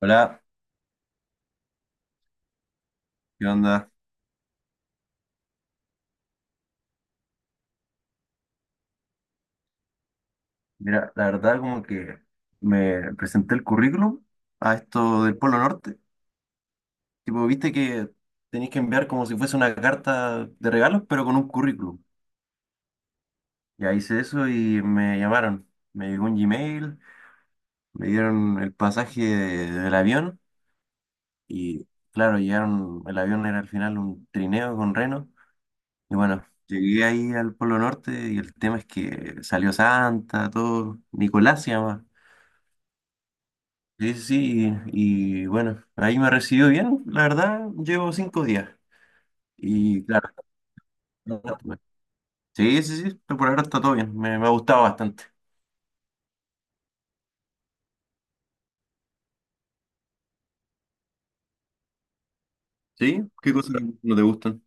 Hola, ¿qué onda? Mira, la verdad como que me presenté el currículum a esto del Polo Norte. Tipo, viste que tenéis que enviar como si fuese una carta de regalos, pero con un currículum. Ya hice eso y me llamaron. Me llegó un Gmail, me dieron el pasaje del avión y claro, llegaron, el avión era al final un trineo con reno. Y bueno, llegué ahí al Polo Norte y el tema es que salió Santa, todo, Nicolás se llama. Sí, sí, sí, y bueno, ahí me recibió bien, la verdad, llevo 5 días. Y claro, no, no, bueno, sí, sí, sí, pero por ahora está todo bien, me ha gustado bastante. ¿Sí? ¿Qué cosas no te gustan?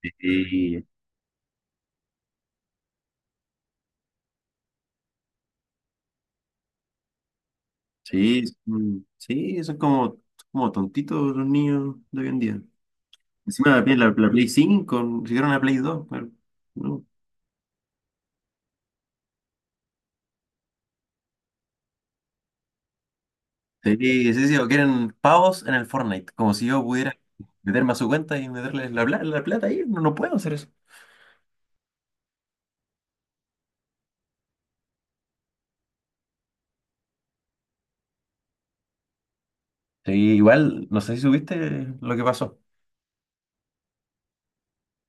Sí, sí, sí, son como, como tontitos los niños de hoy en día. Encima la Play 5, si quieren la Play 2, pero, no. Sí, sí, sí, o quieren pavos en el Fortnite, como si yo pudiera meterme a su cuenta y meterles la plata ahí, no, no puedo hacer eso. Sí, igual, no sé si subiste lo que pasó.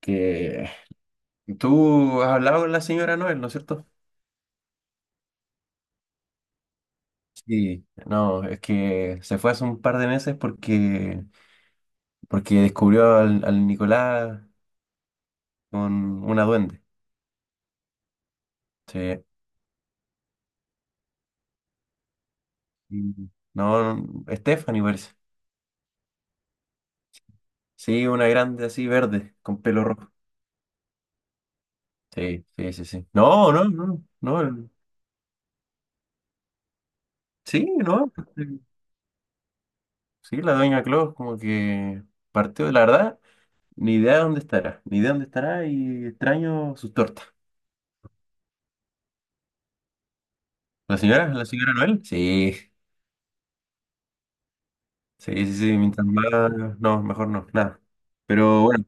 Que tú has hablado con la señora Noel, ¿no es cierto? Sí. No, es que se fue hace un par de meses porque descubrió al Nicolás con una duende. Sí. Mm. No, no, Stephanie parece. Sí, una grande así verde, con pelo rojo. Sí, sí, sí, sí. No, no, no, no. Sí, no. Sí, la doña Claus como que partió, la verdad. Ni idea de dónde estará, ni idea de dónde estará y extraño sus tortas. ¿La señora? ¿La señora Noel? Sí, sí, sí, sí, mientras más... No, mejor no, nada. Pero bueno,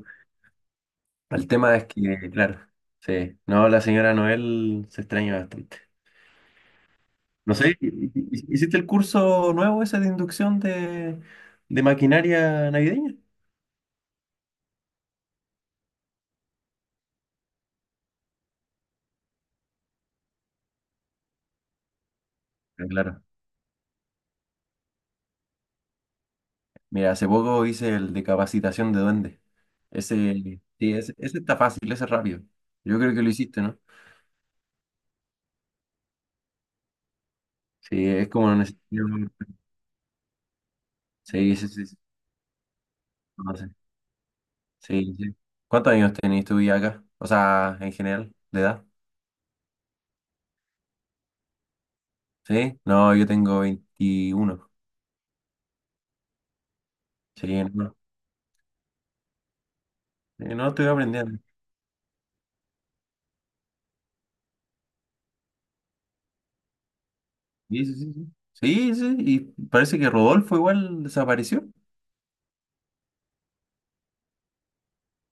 el tema es que, claro, sí, no, la señora Noel se extraña bastante. No sé, ¿hiciste el curso nuevo ese de inducción de maquinaria navideña? Ah, claro. Mira, hace poco hice el de capacitación de duende. Ese, sí, ese está fácil, ese es rápido. Yo creo que lo hiciste, ¿no? Sí, es como necesario. Sí, sí, sí, sí. No sé. Sí, sí. ¿Cuántos años tenés tú ya acá? O sea, en general, de edad. ¿Sí? No, yo tengo 21. Sí, no. Sí, no, estoy aprendiendo. Sí, sí, sí. Sí, sí, sí, y parece que Rodolfo igual desapareció.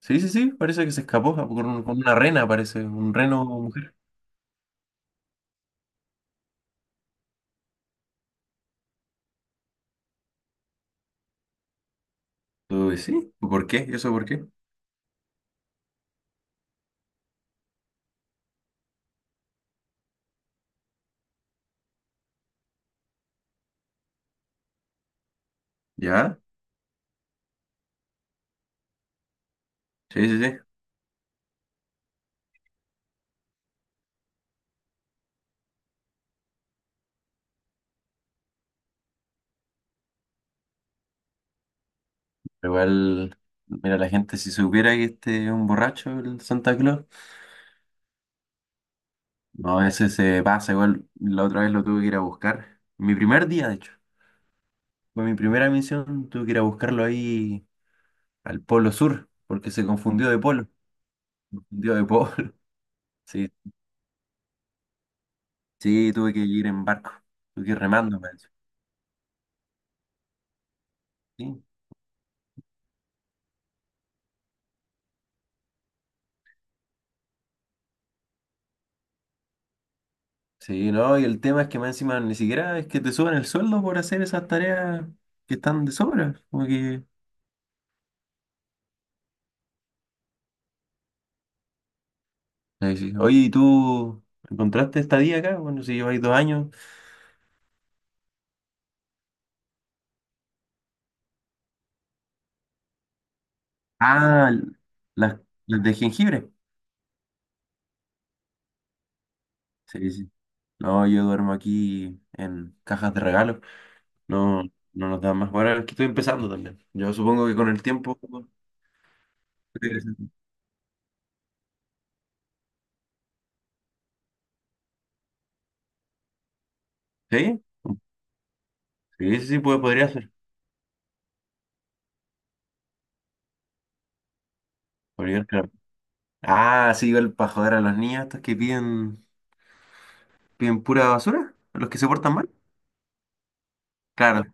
Sí, sí, sí, parece que se escapó con, con una rena, parece, un reno mujer. Uy, sí, ¿por qué? ¿Y eso por qué? ¿Ya? Sí, sí, sí. Igual, mira, la gente, si supiera que este es un borracho, el Santa Claus. No, ese se pasa, igual la otra vez lo tuve que ir a buscar. Mi primer día, de hecho, fue mi primera misión, tuve que ir a buscarlo ahí al Polo Sur, porque se confundió de polo, confundió de polo. Sí, sí, tuve que ir en barco, tuve que ir remando, me dicho. Sí, sí, no, y el tema es que más encima ni siquiera es que te suban el sueldo por hacer esas tareas que están de sobra, como que... Ahí sí. Oye, ¿y tú encontraste estadía acá? Bueno, si lleváis 2 años. Ah, las, las de jengibre. Sí, sí, no, yo duermo aquí en cajas de regalo. No, no nos dan más. Bueno, es que estoy empezando también. Yo supongo que con el tiempo. ¿Sí? Sí, sí, sí, podría ser. Podría, claro. Ah, sí, igual para joder a los niños estos que piden, piden pura basura, a los que se portan mal. Claro,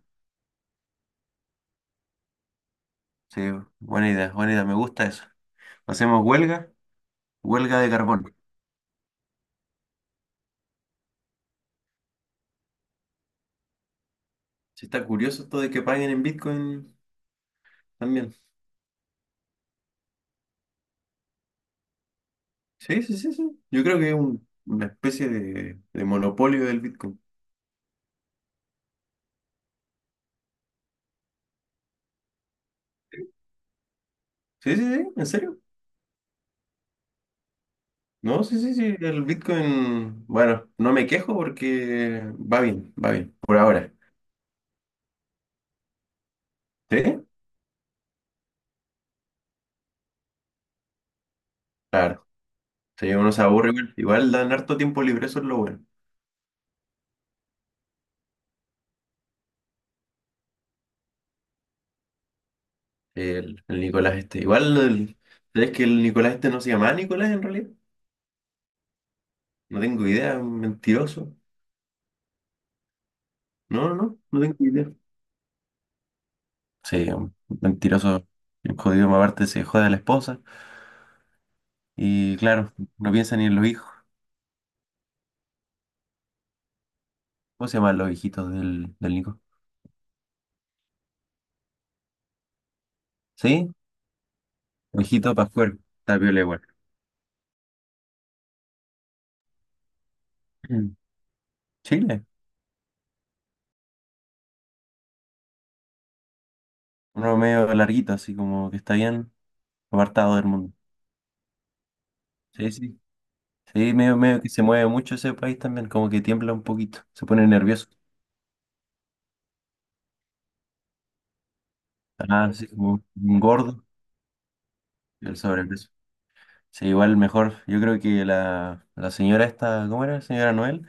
sí, buena idea, me gusta eso. Hacemos huelga, huelga de carbón. Sí, está curioso esto de que paguen en Bitcoin también. Sí, sí, sí, sí. Yo creo que es una especie de monopolio del Bitcoin. Sí, sí, sí, ¿en serio? No, sí, sí, sí, el Bitcoin, bueno, no me quejo porque va bien, por ahora. ¿Sí? Claro, sí, uno se aburre igual, igual dan harto tiempo libre, eso es lo bueno. El Nicolás este, igual, ¿sabes que el Nicolás este no se llama Nicolás en realidad? No tengo idea, un mentiroso. No, no, no, no tengo idea. Sí, un mentiroso, el jodido, más aparte se jode a la esposa y claro, no piensa ni en los hijos. ¿Cómo se llaman los hijitos del Nico? ¿Sí? Ojito para afuera, está piola igual. Mm. Chile, uno medio larguito, así como que está bien apartado del mundo. Sí, sí. Sí, medio, medio que se mueve mucho ese país también, como que tiembla un poquito, se pone nervioso. Ah, sí, como un gordo y el sobrepeso. Sí, igual mejor. Yo creo que la señora esta, ¿cómo era? Señora Noel,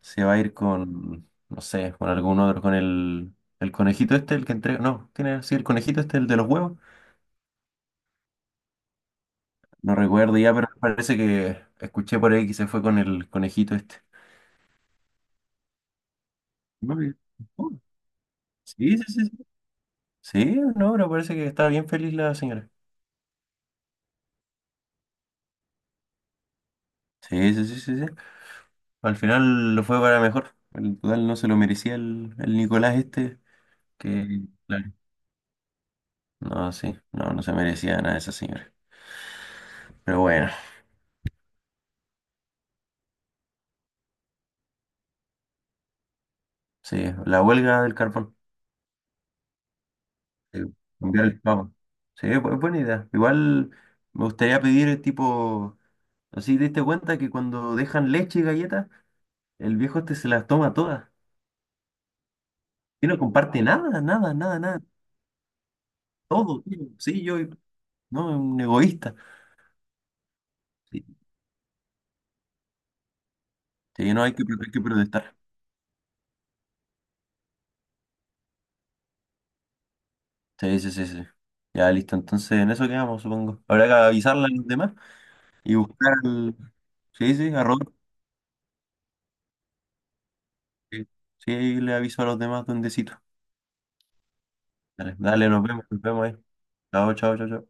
se va a ir con, no sé, con algún otro, con el conejito este, el que entrega. No, tiene, sí, el conejito este, el de los huevos. No recuerdo ya, pero me parece que escuché por ahí que se fue con el conejito este. No, bien. Oh, sí, sí, sí, sí. Sí, no, pero parece que estaba bien feliz la señora. Sí, sí, sí, sí, sí. Al final lo fue para mejor. El total no se lo merecía el Nicolás este, que... Claro. No, sí, no, no se merecía nada esa señora. Pero bueno, sí, la huelga del carbón. Sí, cambiar el pavo. Sí, buena idea. Igual me gustaría pedir tipo, así te diste cuenta que cuando dejan leche y galletas el viejo este se las toma todas. Y no comparte nada, nada, nada, nada. Todo, tío. Sí, yo, no, es un egoísta. Sí, sí, no, hay que protestar. Sí, sí, sí, sí. Ya, listo. Entonces, en eso quedamos, supongo. Habrá que avisarle a los demás y buscar al... Sí, sí, a Robert. Sí, sí, ahí le aviso a los demás dondecito. Dale, dale, nos vemos ahí. Chao, chao, chao, chao.